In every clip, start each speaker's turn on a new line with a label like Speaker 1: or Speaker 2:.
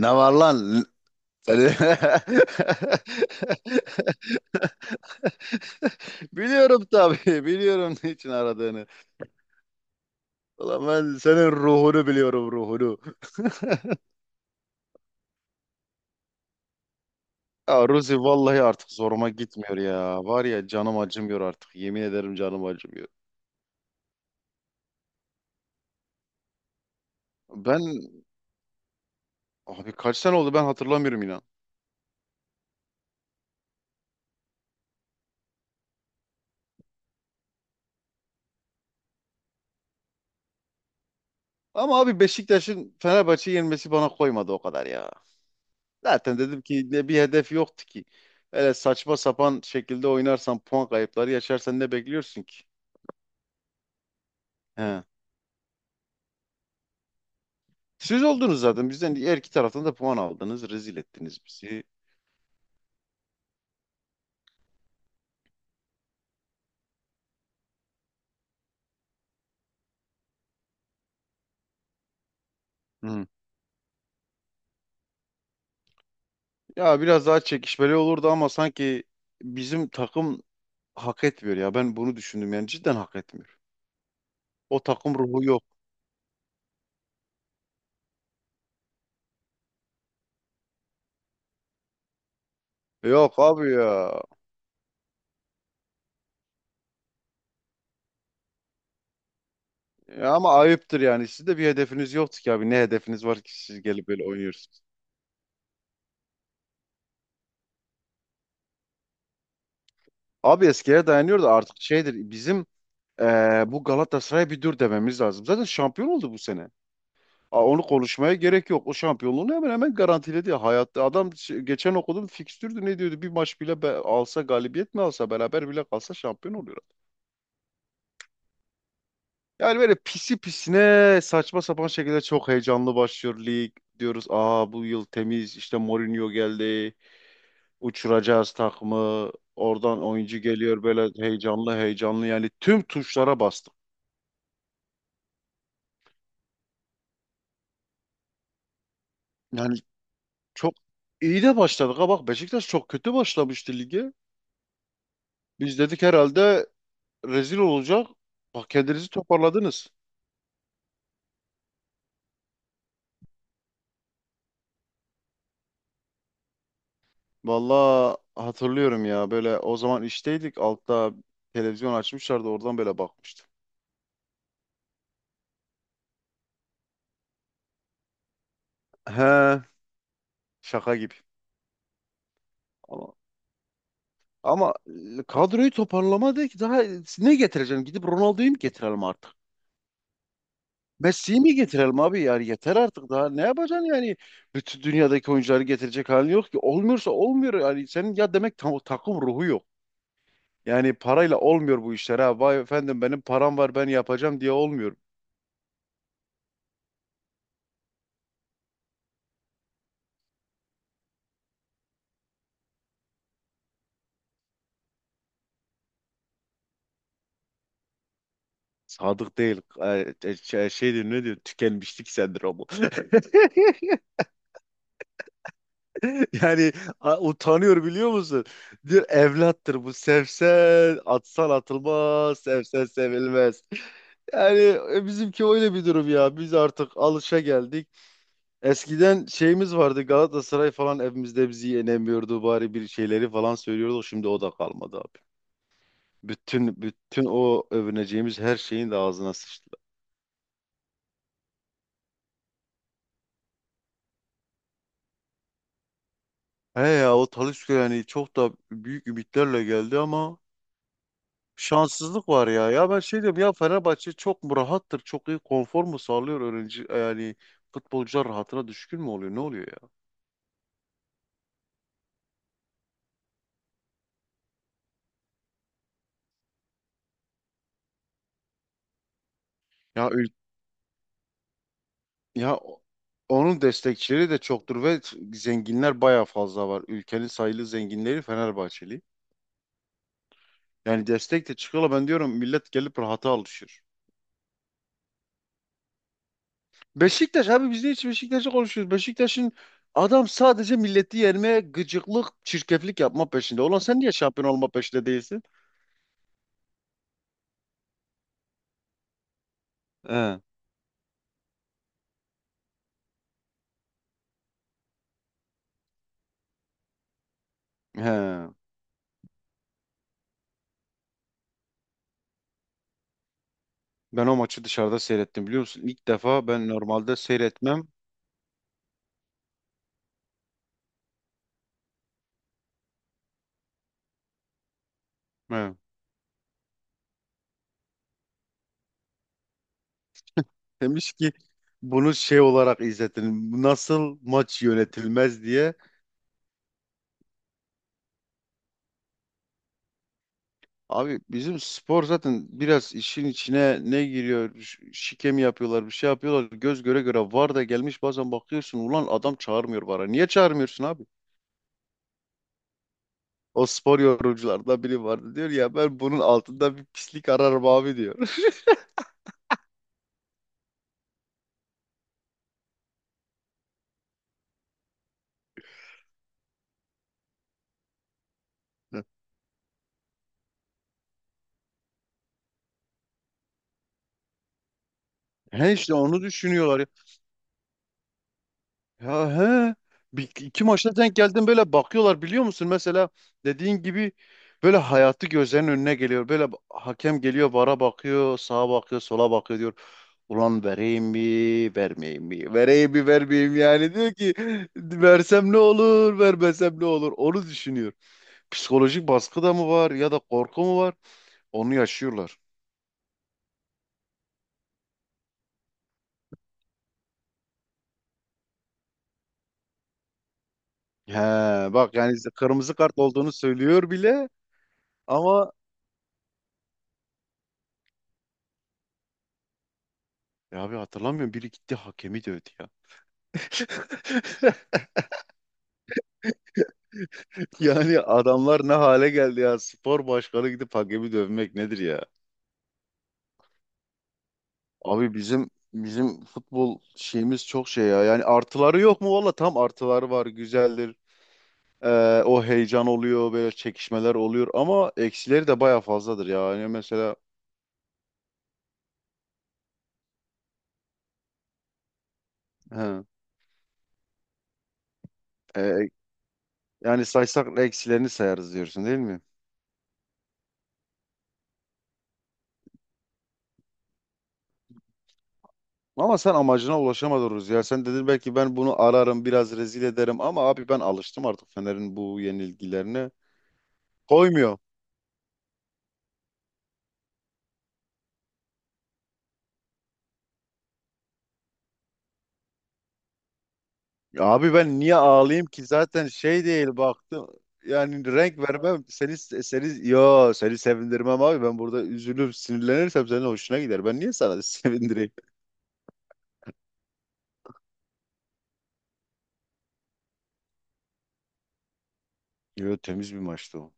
Speaker 1: Ne var lan? Seni- Biliyorum tabii. Biliyorum niçin aradığını. Ulan ben senin ruhunu biliyorum ruhunu. Ya Ruzi vallahi artık zoruma gitmiyor ya. Var ya canım acımıyor artık. Yemin ederim canım acımıyor. Ben abi kaç sene oldu ben hatırlamıyorum inan. Ama abi Beşiktaş'ın Fenerbahçe'yi yenmesi bana koymadı o kadar ya. Zaten dedim ki ne bir hedef yoktu ki. Öyle saçma sapan şekilde oynarsan puan kayıpları yaşarsan ne bekliyorsun ki? He. Siz oldunuz zaten bizden her iki taraftan da puan aldınız. Rezil ettiniz bizi. Hı. Ya biraz daha çekişmeli olurdu ama sanki bizim takım hak etmiyor ya. Ben bunu düşündüm yani cidden hak etmiyor. O takım ruhu yok. Yok abi ya. Ya ama ayıptır yani. Siz de bir hedefiniz yoktu ki abi. Ne hedefiniz var ki siz gelip böyle oynuyorsunuz. Abi eskiye dayanıyor da artık şeydir bizim. Bu Galatasaray'a bir dur dememiz lazım. Zaten şampiyon oldu bu sene. Onu konuşmaya gerek yok. O şampiyonluğunu hemen hemen garantiledi. Hayatta adam geçen okudum fikstürdü ne diyordu? Bir maç bile alsa galibiyet mi alsa beraber bile kalsa şampiyon oluyor. Yani böyle pisi pisine saçma sapan şekilde çok heyecanlı başlıyor lig. Diyoruz aa bu yıl temiz işte Mourinho geldi. Uçuracağız takımı. Oradan oyuncu geliyor böyle heyecanlı heyecanlı yani tüm tuşlara bastık. Yani çok iyi de başladık ha bak Beşiktaş çok kötü başlamıştı lige. Biz dedik herhalde rezil olacak. Bak kendinizi toparladınız. Vallahi hatırlıyorum ya böyle o zaman işteydik altta televizyon açmışlardı oradan böyle bakmıştım. He. Şaka gibi. Ama, ama Kadroyu toparlama değil ki daha ne getireceksin? Gidip Ronaldo'yu mu getirelim artık? Messi'yi mi getirelim abi? Yani yeter artık daha ne yapacaksın yani? Bütün dünyadaki oyuncuları getirecek halin yok ki. Olmuyorsa olmuyor yani senin ya demek tam, takım ruhu yok. Yani parayla olmuyor bu işler ha. Vay efendim benim param var ben yapacağım diye olmuyor. Sadık değil. Şey diyor ne diyor? Tükenmişlik sendromu. Yani utanıyor biliyor musun? Diyor evlattır bu. Sevsen atsan atılmaz. Sevsen sevilmez. Yani bizimki öyle bir durum ya. Biz artık alışa geldik. Eskiden şeyimiz vardı. Galatasaray falan evimizde bizi yenemiyordu. Bari bir şeyleri falan söylüyorduk. Şimdi o da kalmadı abi. Bütün o övüneceğimiz her şeyin de ağzına sıçtı. He ya o Talisca yani çok da büyük ümitlerle geldi ama şanssızlık var ya. Ya ben şey diyorum ya Fenerbahçe çok mu rahattır? Çok iyi konfor mu sağlıyor öğrenci yani futbolcular rahatına düşkün mü oluyor? Ne oluyor ya? Ya ül- ya o- Onun destekçileri de çoktur ve zenginler bayağı fazla var. Ülkenin sayılı zenginleri Fenerbahçeli. Yani destek de çıkıyorlar. Ben diyorum millet gelip rahata alışır. Beşiktaş abi biz de hiç Beşiktaş'ı konuşuyoruz. Beşiktaş'ın adam sadece milleti yermeye gıcıklık, çirkeflik yapma peşinde. Ulan sen niye şampiyon olma peşinde değilsin? He, he. Ben o maçı dışarıda seyrettim biliyor musun? İlk defa ben normalde seyretmem. He. Demiş ki bunu şey olarak izletin. Nasıl maç yönetilmez diye. Abi bizim spor zaten biraz işin içine ne giriyor, şike mi yapıyorlar, bir şey yapıyorlar. Göz göre göre var da gelmiş bazen bakıyorsun ulan adam çağırmıyor vara. Niye çağırmıyorsun abi? O spor yorumculardan biri vardı diyor ya ben bunun altında bir pislik ararım abi diyor. He işte onu düşünüyorlar ya. Ya he bir, iki maçta denk geldim böyle bakıyorlar biliyor musun? Mesela dediğin gibi böyle hayatı gözlerinin önüne geliyor. Böyle hakem geliyor vara bakıyor, sağa bakıyor, sola bakıyor diyor. Ulan vereyim mi, vermeyeyim mi? Vereyim mi, vermeyeyim mi? Yani diyor ki versem ne olur, vermesem ne olur? Onu düşünüyor. Psikolojik baskı da mı var ya da korku mu var? Onu yaşıyorlar. He, bak yani işte kırmızı kart olduğunu söylüyor bile ama ya abi hatırlamıyorum biri gitti hakemi dövdü ya. Yani adamlar ne hale geldi ya. Spor başkanı gidip hakemi dövmek nedir ya? Abi bizim futbol şeyimiz çok şey ya. Yani artıları yok mu? Valla tam artıları var. Güzeldir. O heyecan oluyor. Böyle çekişmeler oluyor. Ama eksileri de baya fazladır ya. Yani mesela he, e, yani saysak eksilerini sayarız diyorsun değil mi? Ama sen amacına ulaşamadınız ya. Sen dedin belki ben bunu ararım biraz rezil ederim. Ama abi ben alıştım artık Fener'in bu yenilgilerine. Koymuyor. Ya abi ben niye ağlayayım ki zaten şey değil baktım yani renk vermem seni sevindirmem abi ben burada üzülür sinirlenirsem senin hoşuna gider ben niye sana sevindireyim? Yo temiz bir maçtı o.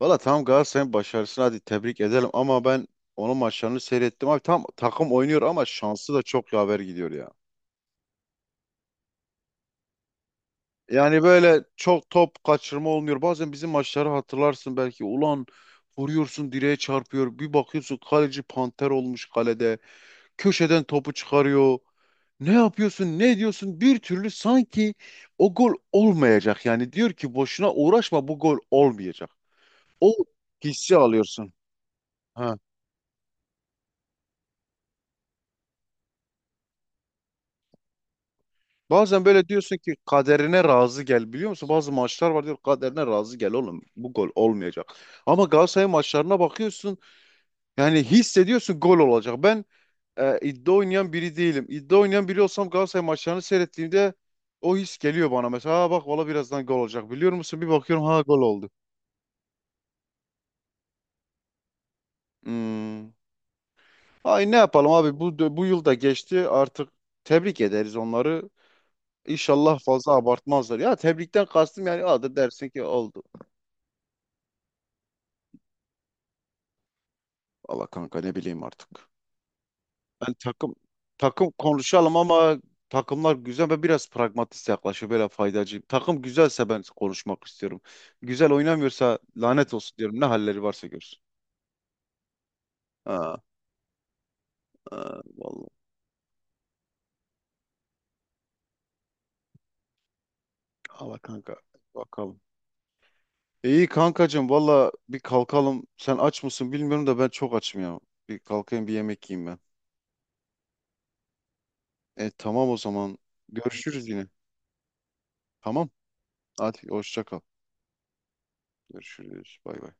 Speaker 1: Valla tamam Galatasaray'ın başarısını hadi tebrik edelim ama ben onun maçlarını seyrettim abi tam takım oynuyor ama şansı da çok yaver gidiyor ya. Yani böyle çok top kaçırma olmuyor bazen bizim maçları hatırlarsın belki ulan vuruyorsun direğe çarpıyor bir bakıyorsun kaleci panter olmuş kalede. Köşeden topu çıkarıyor. Ne yapıyorsun, ne ediyorsun? Bir türlü sanki o gol olmayacak. Yani diyor ki boşuna uğraşma bu gol olmayacak. O hissi alıyorsun. Ha. Bazen böyle diyorsun ki kaderine razı gel biliyor musun? Bazı maçlar var diyor kaderine razı gel oğlum bu gol olmayacak. Ama Galatasaray maçlarına bakıyorsun yani hissediyorsun gol olacak. Ben iddia oynayan biri değilim. İddia oynayan biri olsam Galatasaray maçlarını seyrettiğimde o his geliyor bana. Mesela "Ha bak valla birazdan gol olacak biliyor musun? Bir bakıyorum ha gol oldu." Hmm. Ay ne yapalım abi bu yıl da geçti artık tebrik ederiz onları. İnşallah fazla abartmazlar. Ya tebrikten kastım yani adı dersin ki oldu. Valla kanka ne bileyim artık. Ben takım konuşalım ama takımlar güzel ve biraz pragmatist yaklaşıyor böyle faydacı. Takım güzelse ben konuşmak istiyorum. Güzel oynamıyorsa lanet olsun diyorum. Ne halleri varsa görsün. Ha, ha, vallahi. Allah kanka. Bakalım. İyi kankacığım valla bir kalkalım. Sen aç mısın bilmiyorum da ben çok açım ya. Bir kalkayım bir yemek yiyeyim ben. E tamam o zaman. Görüşürüz yine. Tamam. Hadi hoşça kal. Görüşürüz. Bay bay.